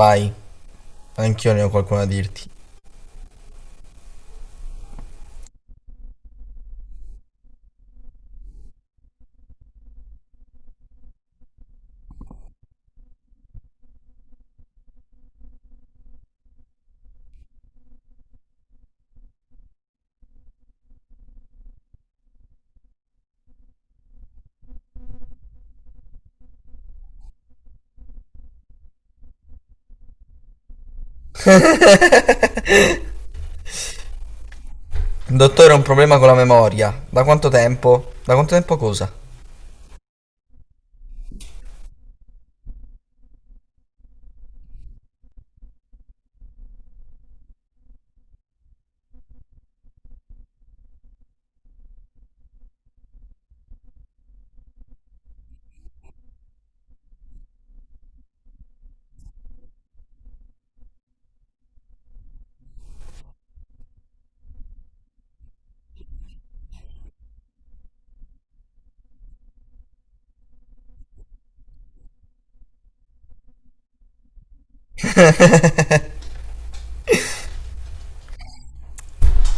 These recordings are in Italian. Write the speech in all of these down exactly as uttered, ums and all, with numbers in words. Vai, anch'io ne ho qualcuno da dirti. Dottore, ho un problema con la memoria. Da quanto tempo? Da quanto tempo cosa?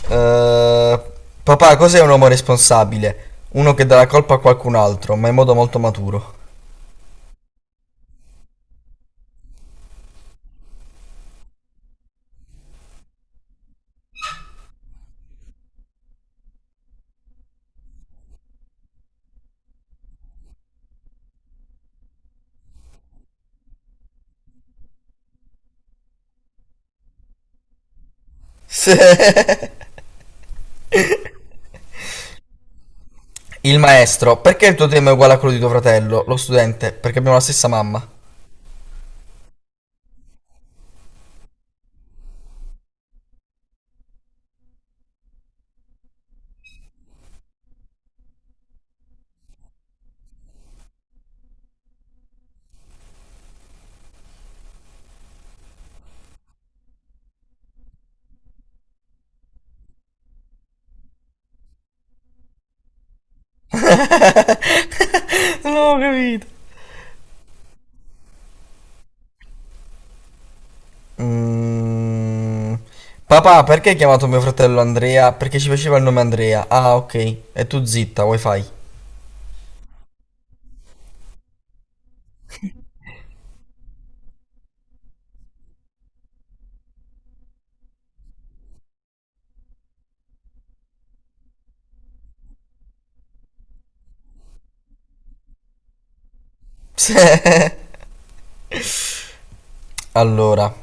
Eh, papà, cos'è un uomo responsabile? Uno che dà la colpa a qualcun altro, ma in modo molto maturo. Sì. Il maestro, perché il tuo tema è uguale a quello di tuo fratello? Lo studente, perché abbiamo la stessa mamma. Non ho capito. Mm, Papà, perché hai chiamato mio fratello Andrea? Perché ci faceva il nome Andrea. Ah, ok. E tu zitta, wifi. Sì. Allora,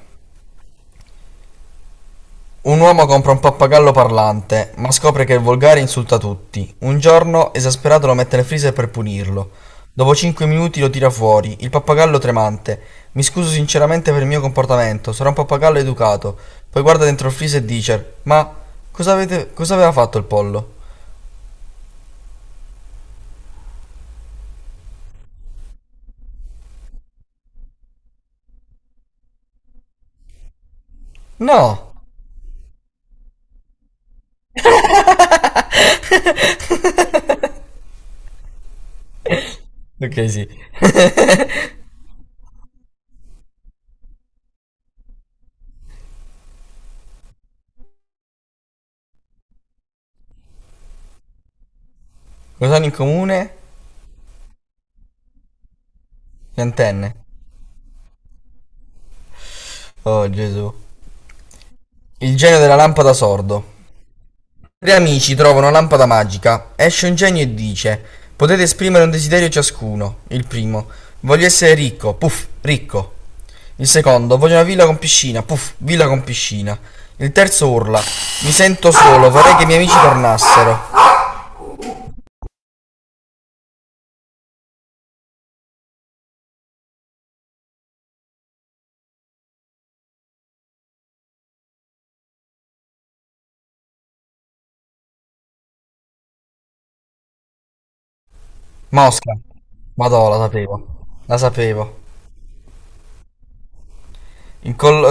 un uomo compra un pappagallo parlante, ma scopre che è volgare e insulta tutti. Un giorno, esasperato, lo mette nel freezer per punirlo. Dopo cinque minuti lo tira fuori, il pappagallo tremante. Mi scuso sinceramente per il mio comportamento, sarà un pappagallo educato. Poi guarda dentro il freezer e dice: Ma cosa, avete, cosa aveva fatto il pollo? No! Ok, sì. Cosa hanno in comune? Le antenne. Oh Gesù. Il genio della lampada sordo. Tre amici trovano una lampada magica. Esce un genio e dice: Potete esprimere un desiderio ciascuno. Il primo: Voglio essere ricco. Puff, ricco. Il secondo: Voglio una villa con piscina. Puff, villa con piscina. Il terzo urla: Mi sento solo, vorrei che i miei amici tornassero. Mosca. Madò, la sapevo. La sapevo. Il, col-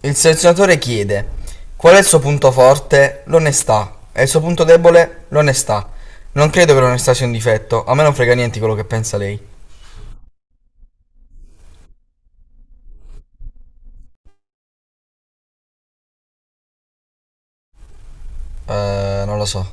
eh, il selezionatore chiede qual è il suo punto forte? L'onestà. E il suo punto debole? L'onestà. Non credo che l'onestà sia un difetto, a me non frega niente quello che pensa lei. Eh, non lo so.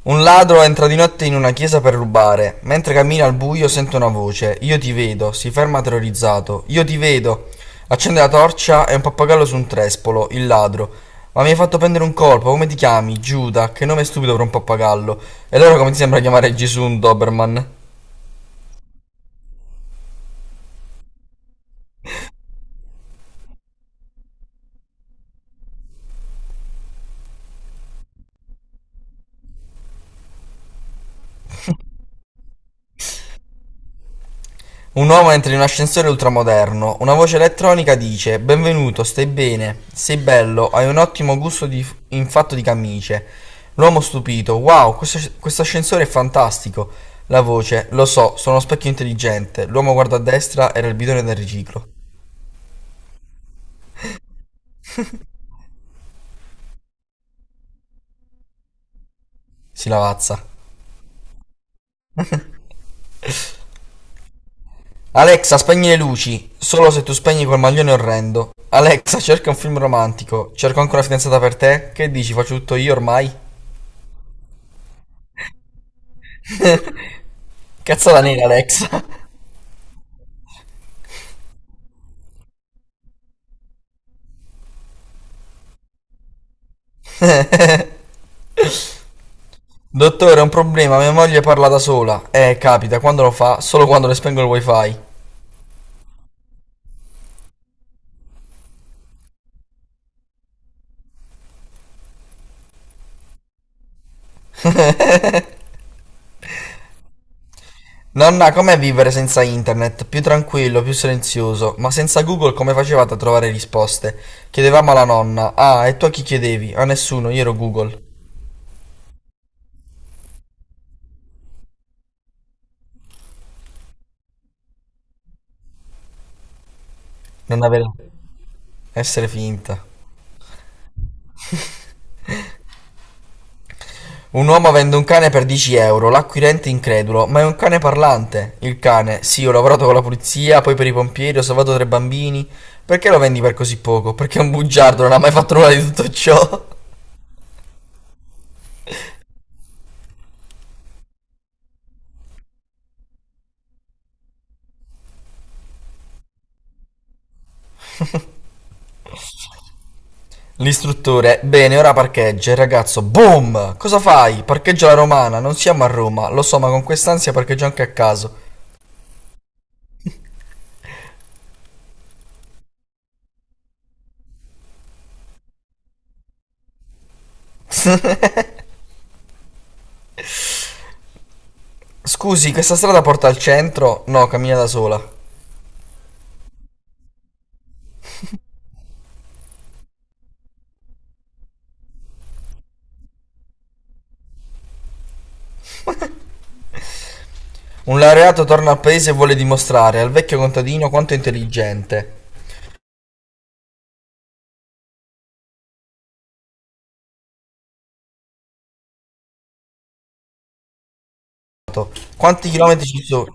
Un ladro entra di notte in una chiesa per rubare. Mentre cammina al buio sente una voce. Io ti vedo. Si ferma terrorizzato. Io ti vedo. Accende la torcia e un pappagallo su un trespolo. Il ladro. Ma mi hai fatto prendere un colpo. Come ti chiami? Giuda. Che nome stupido per un pappagallo. E allora come ti sembra chiamare Gesù un Doberman? Un uomo entra in un ascensore ultramoderno. Una voce elettronica dice: Benvenuto, stai bene, sei bello, hai un ottimo gusto di- in fatto di camicie. L'uomo stupito: Wow, questo, questo ascensore è fantastico. La voce: Lo so, sono uno specchio intelligente. L'uomo guarda a destra, era il bidone del riciclo. Si lavazza. Alexa, spegni le luci. Solo se tu spegni quel maglione orrendo. Alexa, cerca un film romantico. Cerco ancora una fidanzata per te? Che dici, faccio tutto io ormai? Cazzata nera, Alexa. Dottore, è un problema, mia moglie parla da sola. Eh, capita, quando lo fa, solo quando le spengo il wifi. Nonna, com'è vivere senza internet? Più tranquillo, più silenzioso, ma senza Google come facevate a trovare risposte? Chiedevamo alla nonna. Ah, e tu a chi chiedevi? A nessuno, io ero Google. Non avere... Essere finta. Un uomo vende un cane per dieci euro, l'acquirente incredulo, ma è un cane parlante. Il cane, sì, ho lavorato con la polizia, poi per i pompieri, ho salvato tre bambini. Perché lo vendi per così poco? Perché è un bugiardo, non ha mai fatto nulla di tutto ciò. L'istruttore, bene, ora parcheggia. Il ragazzo, boom! Cosa fai? Parcheggia la romana, non siamo a Roma, lo so, ma con quest'ansia parcheggio anche a caso. Scusi, questa strada porta al centro? No, cammina da sola. Un laureato torna al paese e vuole dimostrare al vecchio contadino quanto è intelligente. Esatto. Quanti chilometri ci sono?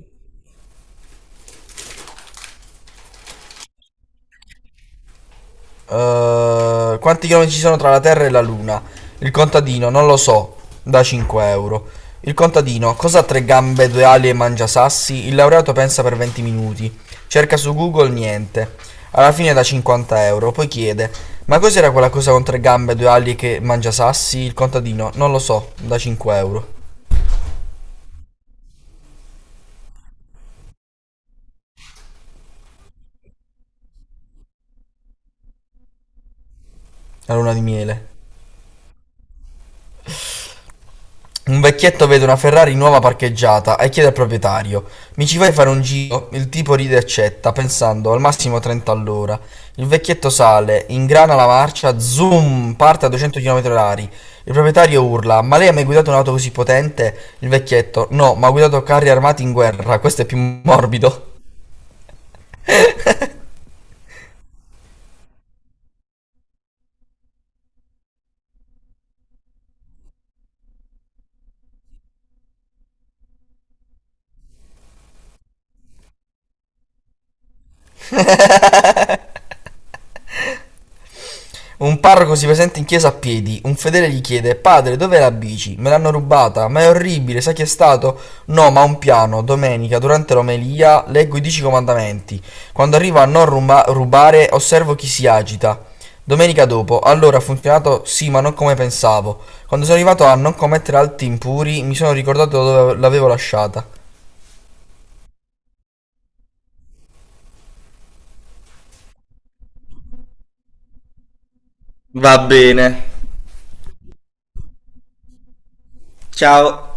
Eh, quanti chilometri ci sono tra la Terra e la Luna? Il contadino, non lo so, da cinque euro. Il contadino, cosa ha tre gambe, due ali e mangia sassi? Il laureato pensa per venti minuti. Cerca su Google niente. Alla fine da cinquanta euro. Poi chiede, ma cos'era quella cosa con tre gambe, due ali che mangia sassi? Il contadino, non lo so, da cinque euro. La luna di miele. Un vecchietto vede una Ferrari nuova parcheggiata e chiede al proprietario: Mi ci vai a fare un giro? Il tipo ride e accetta, pensando al massimo trenta all'ora. Il vecchietto sale, ingrana la marcia, zoom, parte a duecento chilometri all'ora. Il proprietario urla: Ma lei ha mai guidato un'auto così potente? Il vecchietto: No, ma ho guidato carri armati in guerra, questo è più morbido. Un parroco si presenta in chiesa a piedi, un fedele gli chiede: Padre, dov'è la bici? Me l'hanno rubata, ma è orribile, sai chi è stato? No, ma un piano, domenica, durante l'omelia, leggo i dieci comandamenti. Quando arrivo a non ruba- rubare, osservo chi si agita. Domenica dopo, allora ha funzionato sì, ma non come pensavo. Quando sono arrivato a non commettere atti impuri, mi sono ricordato dove l'avevo lasciata. Va bene. Ciao.